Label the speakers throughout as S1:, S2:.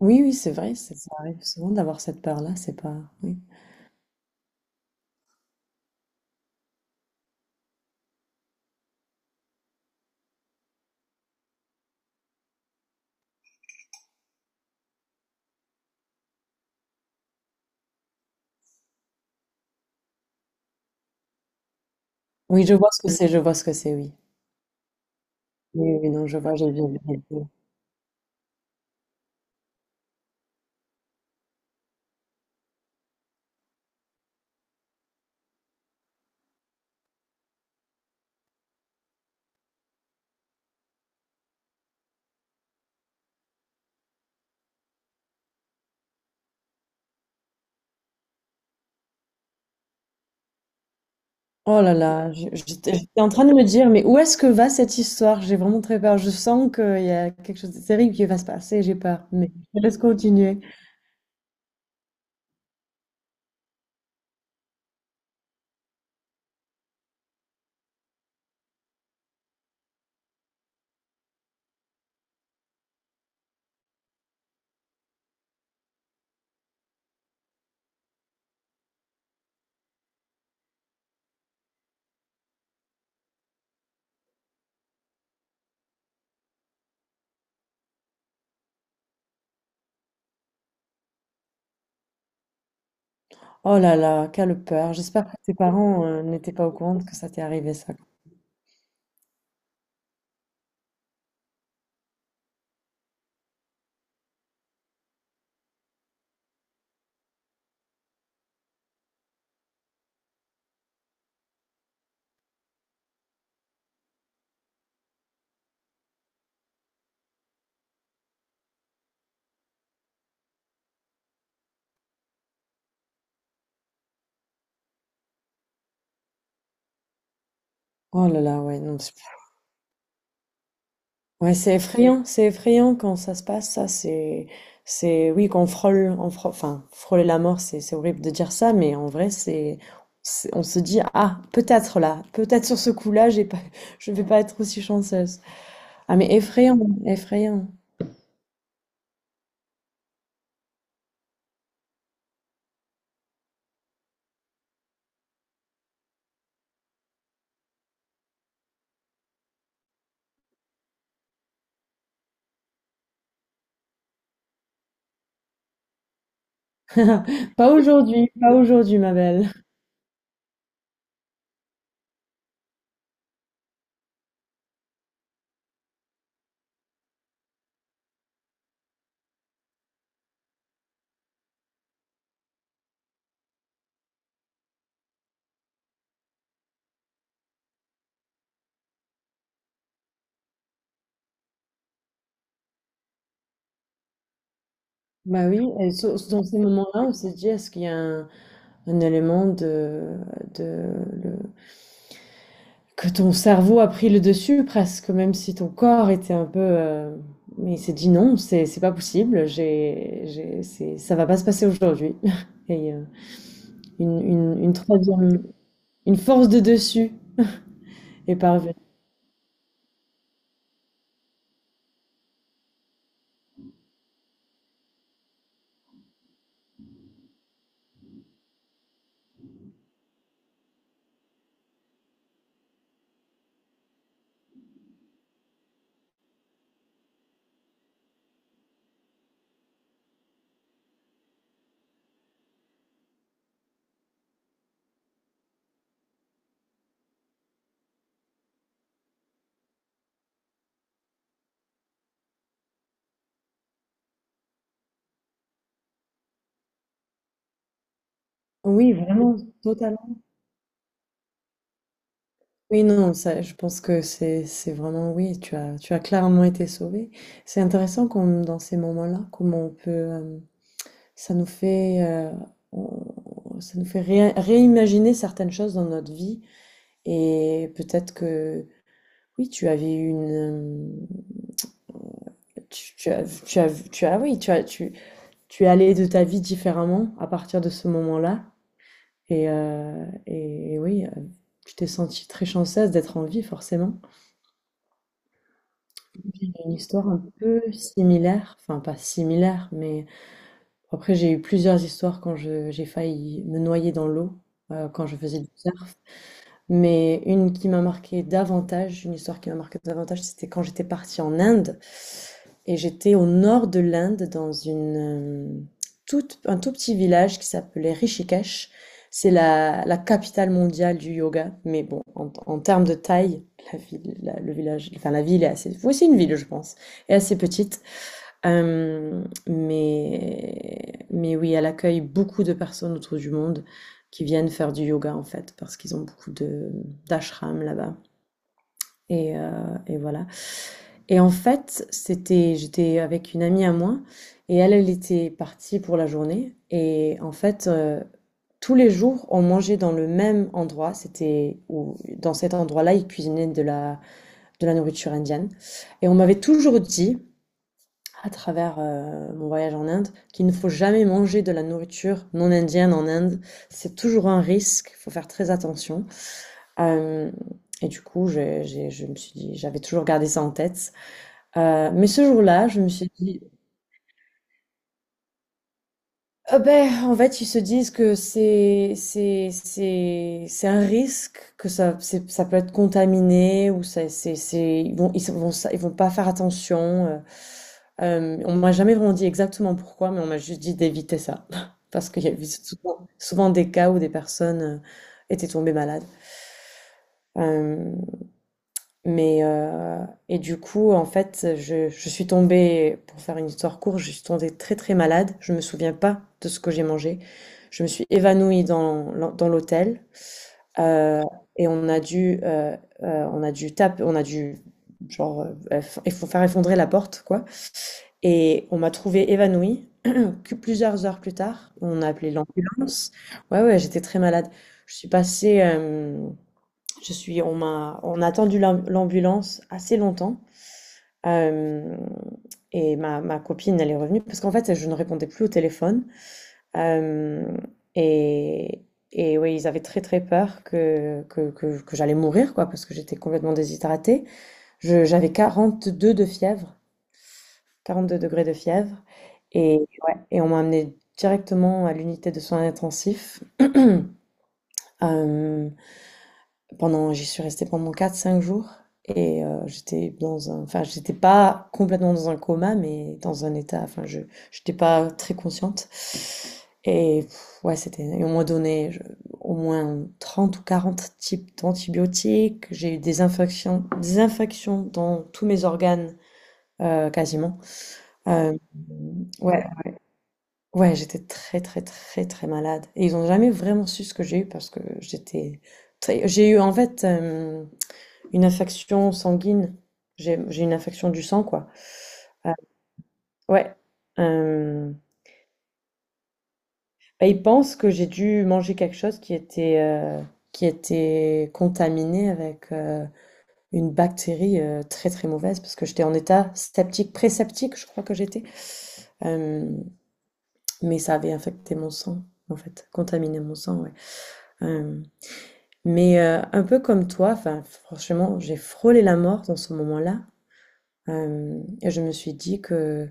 S1: Oui, oui, c'est vrai, ça arrive souvent d'avoir cette peur-là, c'est pas... Oui. Oui, je vois ce que c'est, je vois ce que c'est, oui. Oui, oui, non, je vois, j'ai vu. J'ai vu. Oh là là, j'étais en train de me dire, mais où est-ce que va cette histoire? J'ai vraiment très peur. Je sens qu'il y a quelque chose de terrible qui va se passer, j'ai peur. Mais je te laisse continuer. Oh là là, quelle peur. J'espère que tes parents n'étaient pas au courant que ça t'est arrivé, ça. Oh là là, ouais, non. Ouais, c'est effrayant quand ça se passe, ça, c'est, oui, qu'on frôle, on frôle, enfin, frôler la mort, c'est horrible de dire ça, mais en vrai, on se dit, ah, peut-être là, peut-être sur ce coup-là, j'ai pas, je vais pas être aussi chanceuse. Ah, mais effrayant, effrayant. Pas aujourd'hui, pas aujourd'hui, ma belle. Bah oui, et dans ces moments-là, on se dit, est-ce qu'il y a un élément de, que ton cerveau a pris le dessus presque, même si ton corps était un peu... mais il s'est dit non, c'est pas possible, c'est, ça va pas se passer aujourd'hui. Et une, une, une troisième, une force de dessus est parvenue. Oui, vraiment, totalement. Oui, non, ça, je pense que c'est vraiment, oui, tu as clairement été sauvé. C'est intéressant comme dans ces moments-là, comment on peut, ça nous fait, ça nous fait réimaginer certaines choses dans notre vie. Et peut-être que oui, tu avais une euh, tu, tu as tu as tu as oui, tu as tu tu es allé de ta vie différemment à partir de ce moment-là, et oui, tu t'es sentie très chanceuse d'être en vie forcément. J'ai une histoire un peu similaire, enfin pas similaire, mais après j'ai eu plusieurs histoires quand je j'ai failli me noyer dans l'eau quand je faisais du surf. Mais une qui m'a marquée davantage, une histoire qui m'a marquée davantage, c'était quand j'étais partie en Inde. Et j'étais au nord de l'Inde, dans une, euh, un tout petit village qui s'appelait Rishikesh. C'est la, la capitale mondiale du yoga. Mais bon, en, en termes de taille, la ville, le village, enfin la ville est assez... Oui, c'est une ville, je pense. Est assez petite. Mais oui, elle accueille beaucoup de personnes autour du monde qui viennent faire du yoga, en fait, parce qu'ils ont beaucoup de d'ashrams là-bas, et heu et voilà, et en fait, c'était j'étais avec une amie à moi, et elle, elle était partie pour la journée, et en fait, tous les jours, on mangeait dans le même endroit. C'était où dans cet endroit-là, ils cuisinaient de la nourriture indienne, et on m'avait toujours dit à travers mon voyage en Inde, qu'il ne faut jamais manger de la nourriture non indienne en Inde. C'est toujours un risque, il faut faire très attention. Euh, et du coup, je me suis dit, j'avais toujours gardé ça en tête. Mais ce jour-là, je me suis dit, ah ben, en fait, ils se disent que c'est un risque, que ça peut être contaminé, ou ça c'est ils vont pas faire attention. euh. On m'a jamais vraiment dit exactement pourquoi, mais on m'a juste dit d'éviter ça parce qu'il y a eu souvent, souvent des cas où des personnes étaient tombées malades. Euh, mais heu et du coup, en fait, je suis tombée, pour faire une histoire courte, je suis tombée très, très malade. Je me souviens pas de ce que j'ai mangé. Je me suis évanouie dans l'hôtel, heu et heu, on a dû tape on a dû genre, eff il faut faire effondrer la porte, quoi, et on m'a trouvée évanouie que plusieurs heures plus tard. On a appelé l'ambulance. Ouais, ouais, j'étais très malade. Je suis passée, hem, je suis on m'a on a attendu l'ambulance assez longtemps. Hem Et ma copine, elle est revenue parce qu'en fait, je ne répondais plus au téléphone. Hem et et oui, ils avaient très, très peur que j'allais mourir, quoi, parce que j'étais complètement déshydratée. Je j'avais 42 de fièvre, 42 degrés de fièvre, et ouais, et on m'a emmenée directement à l'unité de soins intensifs. Hem Pendant j'y suis restée pendant 4, 5 jours, et j'étais dans un, enfin j'étais pas complètement dans un coma, mais dans un état, enfin je j'étais pas très consciente, et pff, ouais, c'était, et on m'a donné je au moins 30 ou 40 types d'antibiotiques. J'ai eu des infections, dans tous mes organes, quasiment. Hem, ouais, ouais, j'étais très, très, très, très malade, et ils ont jamais vraiment su ce que j'ai eu parce que j'étais très j'ai eu en fait, hem une infection sanguine. J'ai une infection du sang, quoi. Ah, ouais. Hem, bah, ils pensent que j'ai dû manger quelque chose qui était contaminé avec, une bactérie, très, très mauvaise, parce que j'étais en état septique, pré-septique, je crois que j'étais. Hem, mais ça avait infecté mon sang, en fait, contaminé mon sang, ouais. Hem, mais, un peu comme toi, enfin, franchement, j'ai frôlé la mort dans ce moment-là. Et je me suis dit que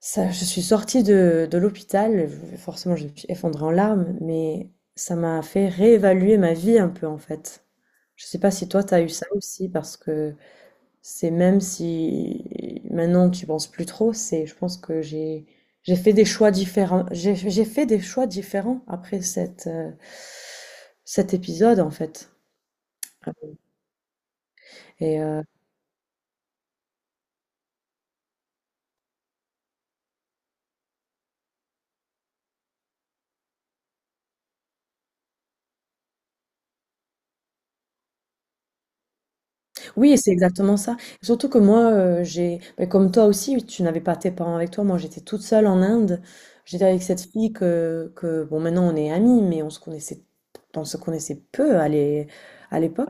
S1: ça, je suis sortie de l'hôpital, je forcément, je me suis effondrée en larmes, mais ça m'a fait réévaluer ma vie un peu, en fait. Je sais pas si toi, t'as eu ça aussi, parce que c'est, même si maintenant tu penses plus trop, c'est je pense que j'ai fait des choix différents. J'ai fait des choix différents après cette, cet épisode, en fait. Et oui, c'est exactement ça. Surtout que moi, j'ai, ben, comme toi aussi, tu n'avais pas tes parents avec toi. Moi, j'étais toute seule en Inde. J'étais avec cette fille que, bon, maintenant on est amis, mais on se connaissait peu à l'époque.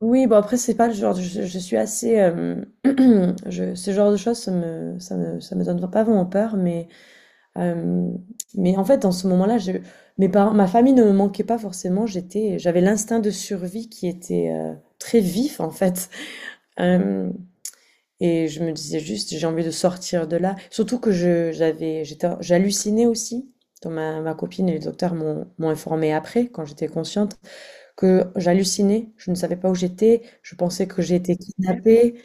S1: Oui, bon après, c'est pas le genre, je suis assez, je, ce genre de choses, ça me donne pas vraiment peur, euh, mais en fait, dans ce moment-là, je, mes parents, ma famille ne me manquait pas forcément. J'étais, j'avais l'instinct de survie qui était très vif, en fait. Hem Et je me disais juste: «J'ai envie de sortir de là». Surtout que je j'avais, j'étais, j'hallucinais aussi, dont ma copine et les docteurs m'ont informé après, quand j'étais consciente, que j'hallucinais, je ne savais pas où j'étais, je pensais que j'étais kidnappée.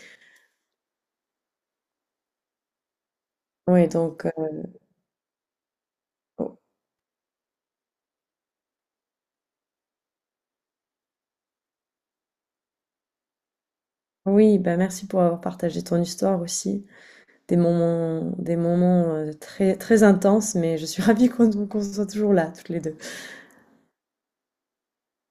S1: Ouais, donc oui, bah, merci pour avoir partagé ton histoire aussi. Des moments, très très intenses, mais je suis ravie qu'on soit toujours là toutes les 2.